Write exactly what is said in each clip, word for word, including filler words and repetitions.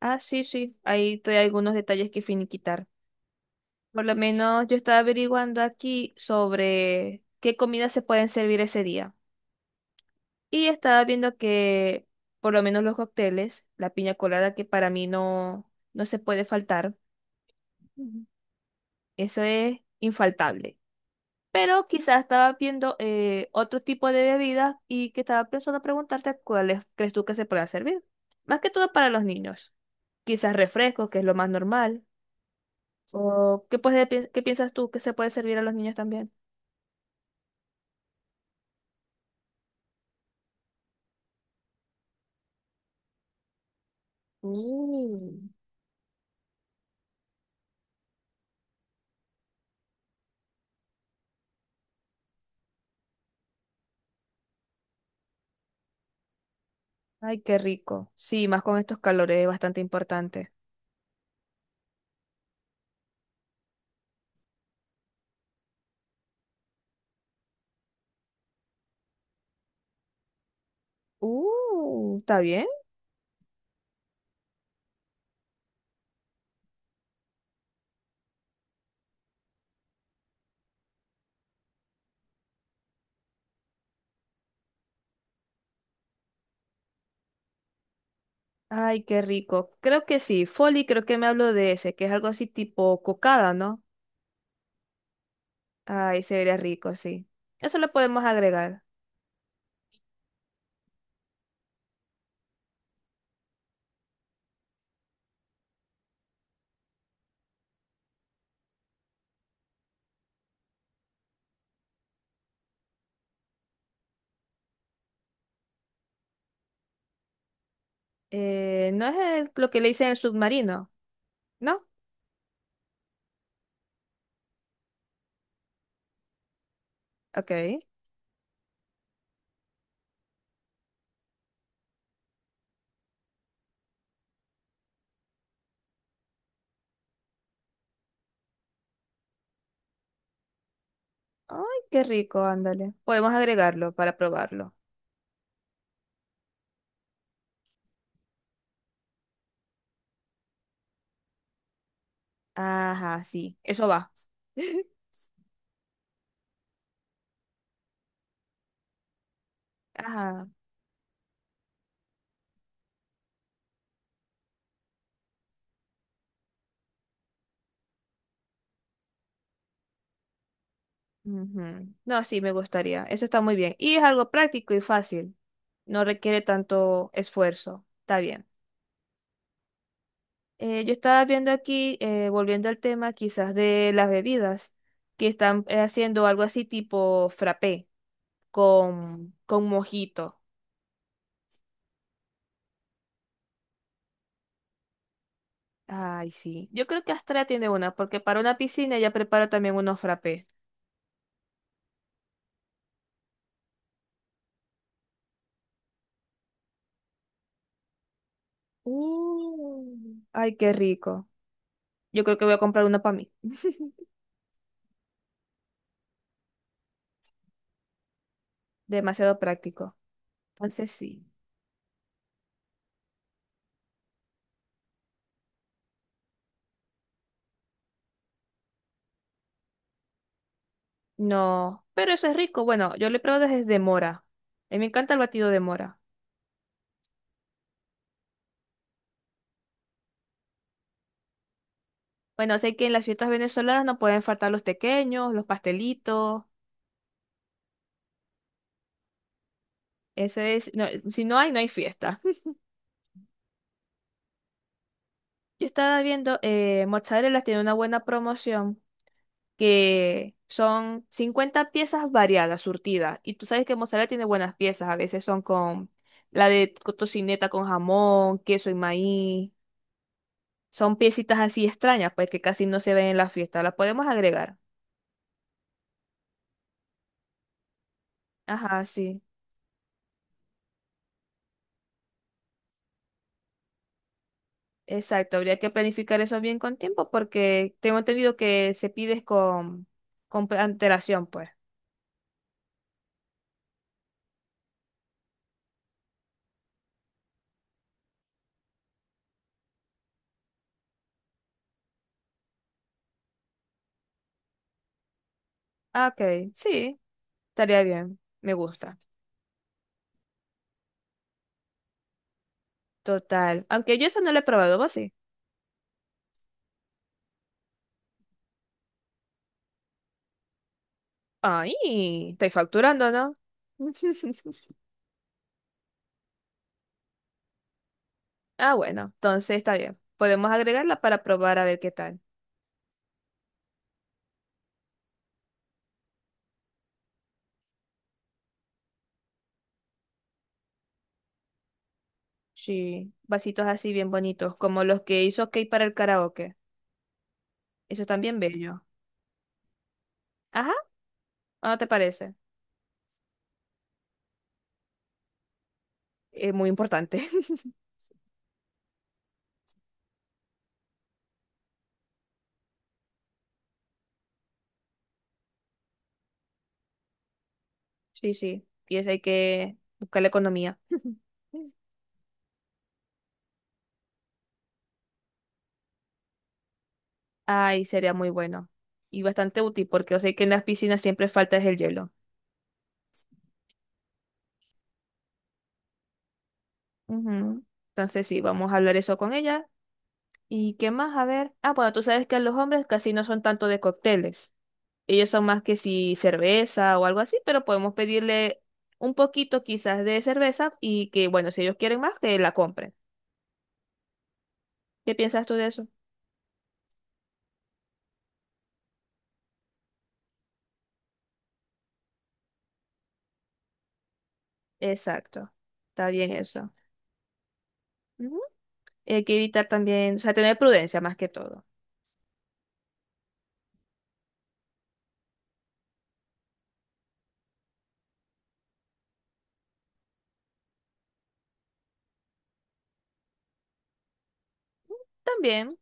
Ah, sí, sí, ahí hay algunos detalles que finiquitar. Por lo menos yo estaba averiguando aquí sobre qué comidas se pueden servir ese día. Y estaba viendo que por lo menos los cócteles, la piña colada que para mí no, no se puede faltar. Ujú. Eso es infaltable. Pero quizás estaba viendo eh, otro tipo de bebidas y que estaba pensando preguntarte cuáles crees tú que se pueda servir. Más que todo para los niños. Quizás refrescos, que es lo más normal. ¿O qué, puede pi- qué piensas tú que se puede servir a los niños también? Mm. Ay, qué rico. Sí, más con estos calores es bastante importante. Uh, ¿está bien? Ay, qué rico. Creo que sí. Folly, creo que me hablo de ese, que es algo así tipo cocada, ¿no? Ay, se vería rico, sí. Eso lo podemos agregar. Eh, ¿no es el- lo que le hice en el submarino? ¿No? Ok. Ay, qué rico, ándale. Podemos agregarlo para probarlo. Ajá, sí. Eso va. Ajá. Ujú. No, sí, me gustaría. Eso está muy bien. Y es algo práctico y fácil. No requiere tanto esfuerzo. Está bien. Eh, yo estaba viendo aquí, eh, volviendo al tema quizás de las bebidas, que están eh, haciendo algo así tipo frappé con, con mojito. Ay, sí. Yo creo que Astra tiene una, porque para una piscina ella prepara también unos frappés. Uh. Ay, qué rico. Yo creo que voy a comprar uno para mí. Demasiado práctico. Entonces sí. No, pero eso es rico. Bueno, yo lo he probado desde mora. A mí me encanta el batido de mora. Bueno, sé que en las fiestas venezolanas no pueden faltar los tequeños, los pastelitos. Eso es, no, si no hay, no hay fiesta. Yo estaba viendo, eh, Mozzarella tiene una buena promoción que son cincuenta piezas variadas, surtidas. Y tú sabes que Mozzarella tiene buenas piezas. A veces son con la de co- tocineta con jamón, queso y maíz. Son piecitas así extrañas, pues que casi no se ven en la fiesta. Las podemos agregar. Ajá, sí, exacto. Habría que planificar eso bien con tiempo porque tengo entendido que se pides con, con pre- antelación, pues. Ah, ok, sí, estaría bien. Me gusta. Total. Aunque yo eso no lo he probado, vos sí. Ay, estoy facturando, ¿no? Ah, bueno, entonces está bien. Podemos agregarla para probar a ver qué tal. Sí, vasitos así bien bonitos, como los que hizo Kate para el karaoke. Eso también bello. Ajá, ¿o ¿no te parece? Es muy importante. Sí, sí. Y eso hay que buscar la economía. Ay, sería muy bueno. Y bastante útil porque yo sé que en las piscinas siempre falta es el hielo. Ujú. Entonces sí, vamos a hablar eso con ella. ¿Y qué más? A ver. Ah, bueno, tú sabes que los hombres casi no son tanto de cócteles. Ellos son más que si cerveza o algo así, pero podemos pedirle un poquito quizás de cerveza y que, bueno, si ellos quieren más, que la compren. ¿Qué piensas tú de eso? Exacto. Está bien eso. Hay que evitar también, o sea, tener prudencia más que todo. También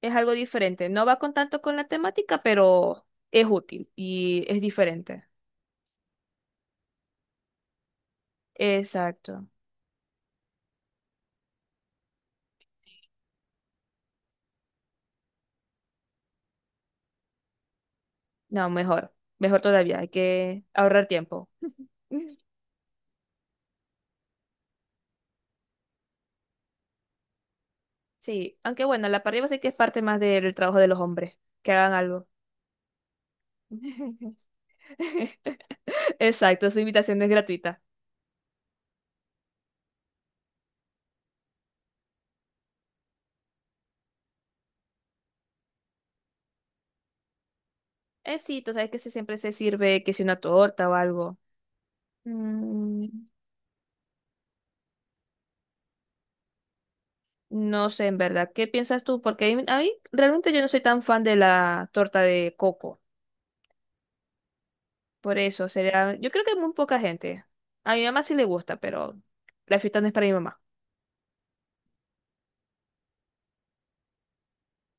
es algo diferente. No va con tanto con la temática, pero es útil y es diferente. Exacto. No, mejor. Mejor todavía. Hay que ahorrar tiempo. Sí, aunque bueno, la parrilla sí que es parte más del trabajo de los hombres. Que hagan algo. Exacto, su invitación es gratuita. Eh, sí, tú sabes que se- siempre se sirve que si una torta o algo. Mm. No sé, en verdad, ¿qué piensas tú? Porque a mí, a mí realmente yo no soy tan fan de la torta de coco. Por eso, sería, yo creo que muy poca gente. A mi mamá sí le gusta, pero la fiesta no es para mi mamá.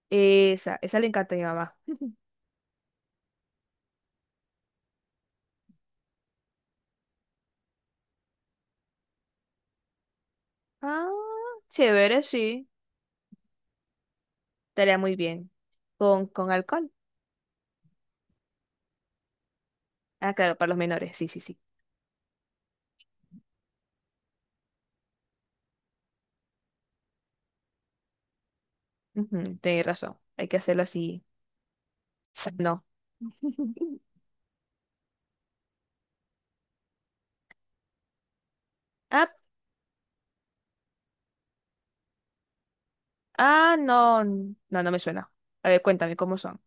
Esa, esa le encanta a mi mamá. Ah, chévere, sí. Estaría muy bien. ¿Con, con alcohol? Ah, claro, para los menores. Sí, sí, sí. Ujú, tenés razón. Hay que hacerlo así. No. Ah, ah, no. No, no me suena. A ver, cuéntame cómo son.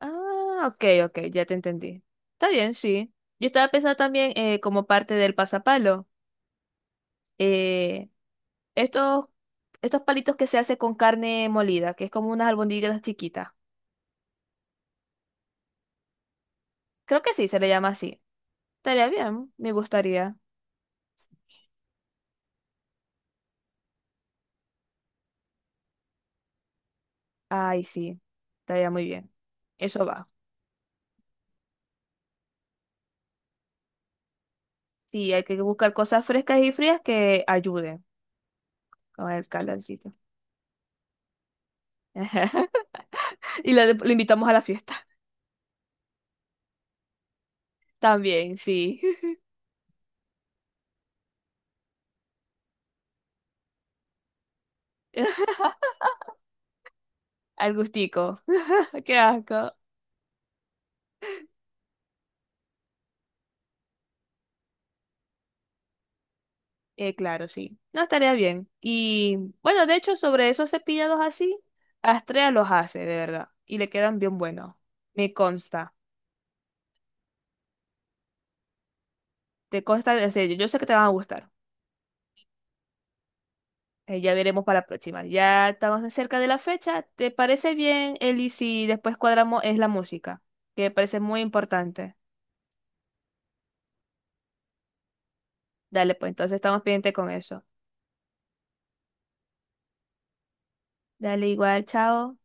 Ah, ok, ok, ya te entendí. Está bien, sí. Yo estaba pensando también eh, como parte del pasapalo. eh, estos, estos palitos que se hace con carne molida, que es como unas albóndigas chiquitas. Creo que sí, se le llama así. Estaría bien, me gustaría. Ay, sí, estaría muy bien. Eso va. Sí, hay que buscar cosas frescas y frías que ayuden con el calorcito. Y lo, lo invitamos a la fiesta. También, sí. Al gustico. Qué asco. Eh, claro, sí. No estaría bien. Y bueno, de hecho, sobre esos cepillados así, Astrea los hace, de verdad. Y le quedan bien buenos. Me consta. Te consta, en serio, yo sé que te van a gustar. Eh, ya veremos para la próxima. Ya estamos cerca de la fecha. ¿Te parece bien, Eli, si después cuadramos es la música? Que me parece muy importante. Dale, pues entonces estamos pendientes con eso. Dale igual, chao.